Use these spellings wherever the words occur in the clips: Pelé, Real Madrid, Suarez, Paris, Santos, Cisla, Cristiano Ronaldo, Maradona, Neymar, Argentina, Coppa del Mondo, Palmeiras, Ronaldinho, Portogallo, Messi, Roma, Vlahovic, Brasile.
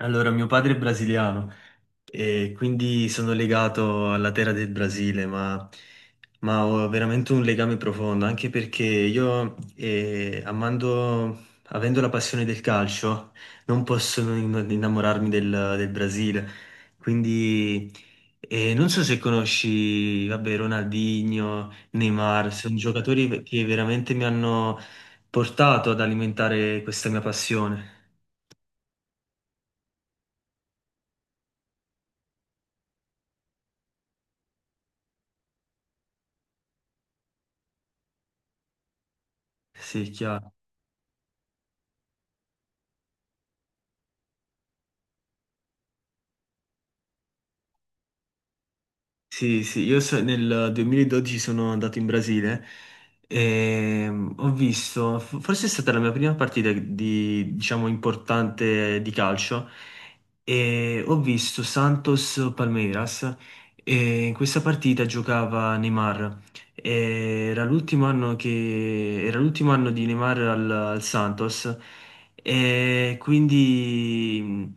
Allora, mio padre è brasiliano e quindi sono legato alla terra del Brasile, ma ho veramente un legame profondo, anche perché io, amando, avendo la passione del calcio, non posso non innamorarmi del Brasile. Quindi, non so se conosci, vabbè, Ronaldinho, Neymar, sono giocatori che veramente mi hanno portato ad alimentare questa mia passione. Sì, chiaro. Sì, sì, nel 2012 sono andato in Brasile e ho visto, forse è stata la mia prima partita di, diciamo, importante di calcio e ho visto Santos Palmeiras e in questa partita giocava Neymar. E era l'ultimo anno di Neymar al Santos e quindi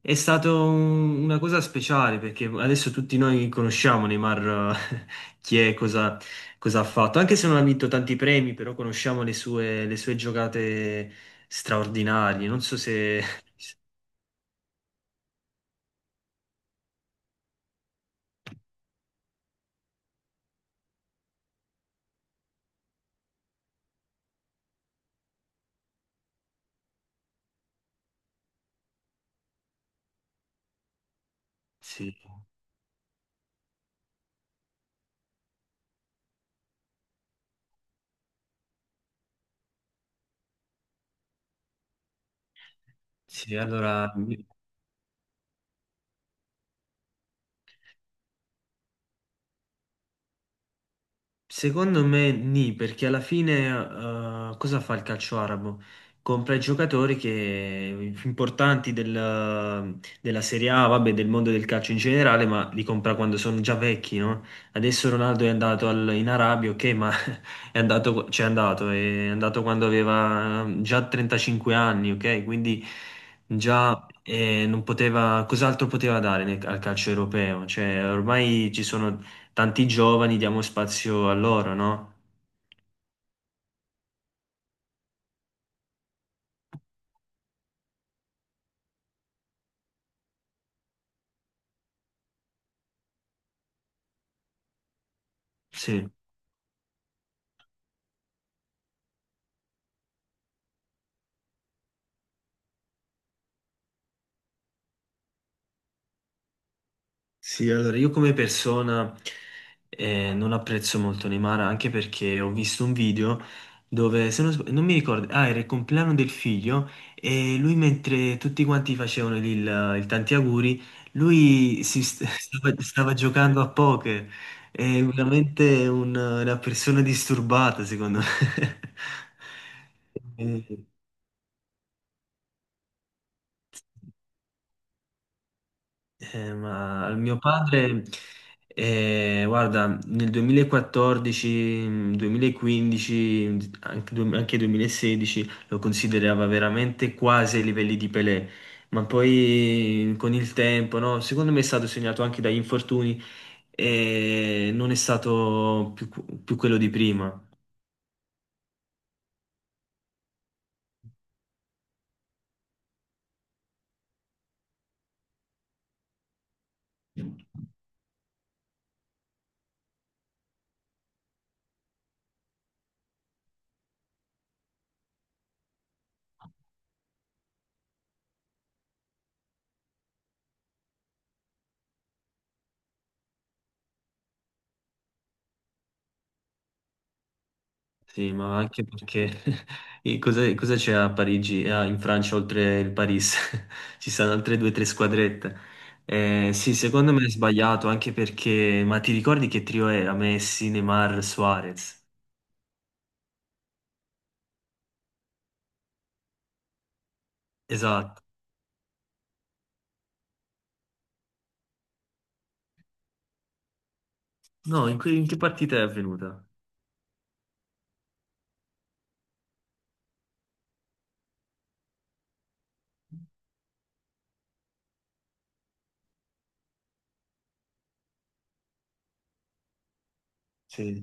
è stata una cosa speciale perché adesso tutti noi conosciamo Neymar, chi è, cosa ha fatto, anche se non ha vinto tanti premi, però conosciamo le sue giocate straordinarie. Non so se. Sì, sì, allora. Secondo me nì, perché alla fine cosa fa il calcio arabo? Compra i giocatori che, importanti della Serie A, vabbè, del mondo del calcio in generale, ma li compra quando sono già vecchi, no? Adesso Ronaldo è andato in Arabia, ok, ma c'è andato, è andato quando aveva già 35 anni, ok? Quindi già non poteva, cos'altro poteva dare al calcio europeo? Cioè, ormai ci sono tanti giovani, diamo spazio a loro, no? Sì, sì, allora io come persona non apprezzo molto Neymar anche perché ho visto un video dove, se non, sb- non mi ricordo, ah, era il compleanno del figlio e lui mentre tutti quanti facevano il tanti auguri, lui stava giocando a poker. È veramente una persona disturbata, secondo me. Ma al mio padre, guarda, nel 2014, 2015, anche, anche 2016 lo considerava veramente quasi ai livelli di Pelé, ma poi con il tempo, no? Secondo me è stato segnato anche dagli infortuni e non è stato più quello di prima. Sì, ma anche perché e cosa c'è a Parigi, ah, in Francia oltre il Paris? Ci sono altre due o tre squadrette. Sì, secondo me è sbagliato anche perché, ma ti ricordi che trio era? Messi, Neymar, Suarez? Esatto. No, in che partita è avvenuta? Sì.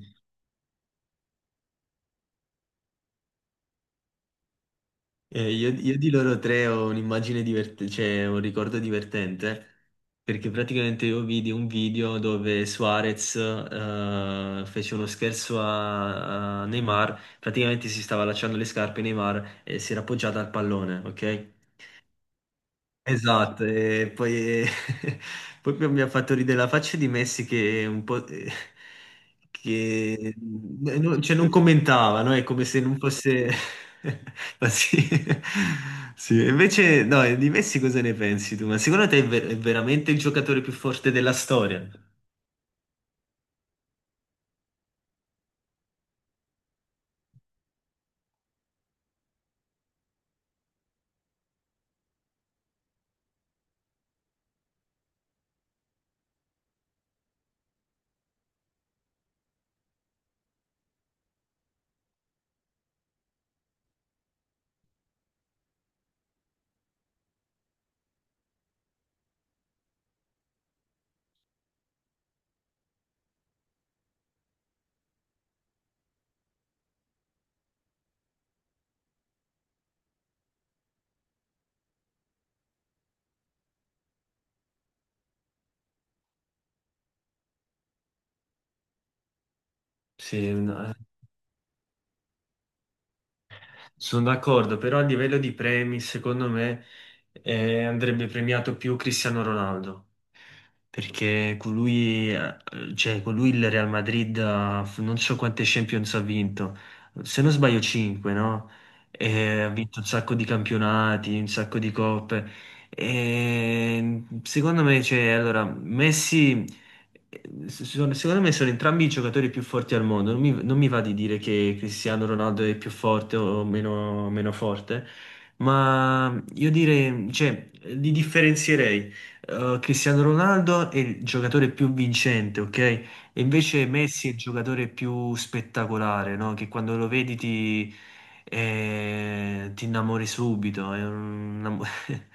Io di loro tre ho un'immagine divertente, cioè un ricordo divertente, perché praticamente io vidi un video dove Suarez fece uno scherzo a Neymar, praticamente si stava allacciando le scarpe Neymar e si era appoggiata al pallone, ok? Esatto, poi mi ha fatto ridere la faccia di Messi che un po'... che non, cioè non commentava, no? È come se non fosse. Ma sì. Sì, invece no, di Messi cosa ne pensi tu? Ma secondo te è veramente il giocatore più forte della storia? Sì, no. Eh. Sono d'accordo, però a livello di premi, secondo me, andrebbe premiato più Cristiano Ronaldo, perché con lui, cioè, con lui il Real Madrid non so quante Champions ha vinto, se non sbaglio 5, no? E ha vinto un sacco di campionati, un sacco di coppe. E secondo me, cioè, allora, Messi. Secondo me sono entrambi i giocatori più forti al mondo. Non mi va di dire che Cristiano Ronaldo è più forte o meno forte, ma io direi, cioè, li differenzierei. Cristiano Ronaldo è il giocatore più vincente, ok? E invece Messi è il giocatore più spettacolare, no? Che quando lo vedi ti innamori subito. Una-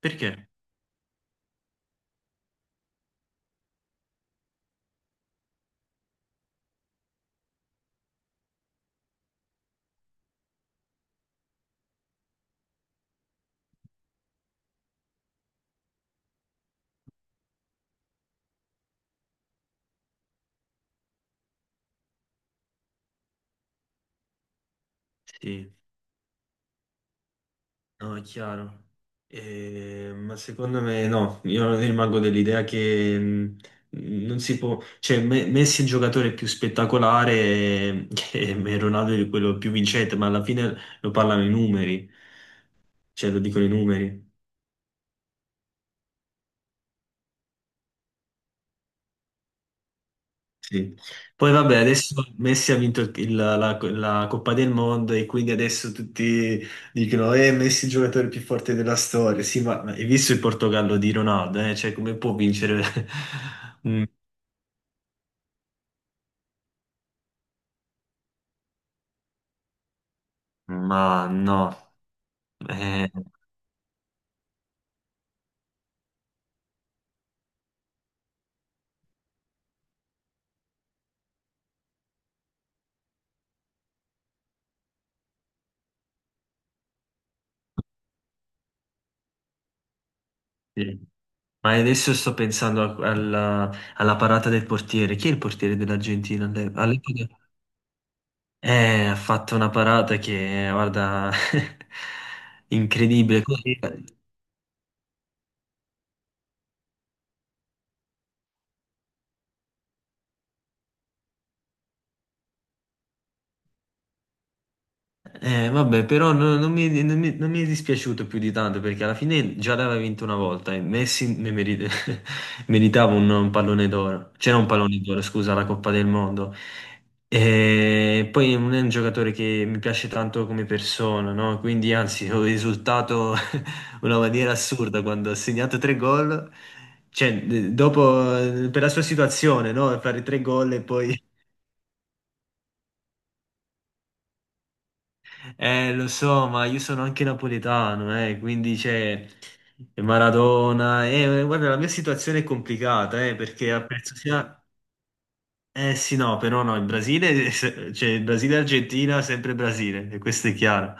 Perché? Sì. No, è chiaro. Ma secondo me no, io rimango dell'idea che non si può, cioè Messi è il giocatore più spettacolare e Ronaldo è quello più vincente, ma alla fine lo parlano i numeri, cioè lo dicono i numeri. Sì. Poi vabbè, adesso Messi ha vinto la Coppa del Mondo e quindi adesso tutti dicono Messi è il giocatore più forte della storia. Sì, ma hai visto il Portogallo di Ronaldo? Eh? Cioè, come può vincere? Mm, Ma no. Eh, sì. Ma adesso sto pensando alla parata del portiere. Chi è il portiere dell'Argentina? All'epoca ha fatto una parata che, guarda, incredibile. Vabbè, però non mi è dispiaciuto più di tanto perché alla fine già l'aveva vinto una volta e Messi meritava un pallone d'oro. C'era un pallone d'oro, scusa, la Coppa del Mondo. E poi non è un giocatore che mi piace tanto come persona, no? Quindi anzi, ho esultato una maniera assurda quando ha segnato tre gol. Cioè, dopo, per la sua situazione, no? Fare tre gol e poi. Lo so, ma io sono anche napoletano, quindi c'è Maradona. Guarda, la mia situazione è complicata, perché apprezzo sia. Eh sì, no, però no, il Brasile, cioè il Brasile e Argentina, sempre Brasile, e questo è chiaro.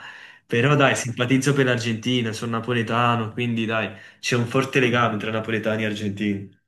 Però dai, simpatizzo per l'Argentina, sono napoletano, quindi dai, c'è un forte legame tra napoletani e argentini.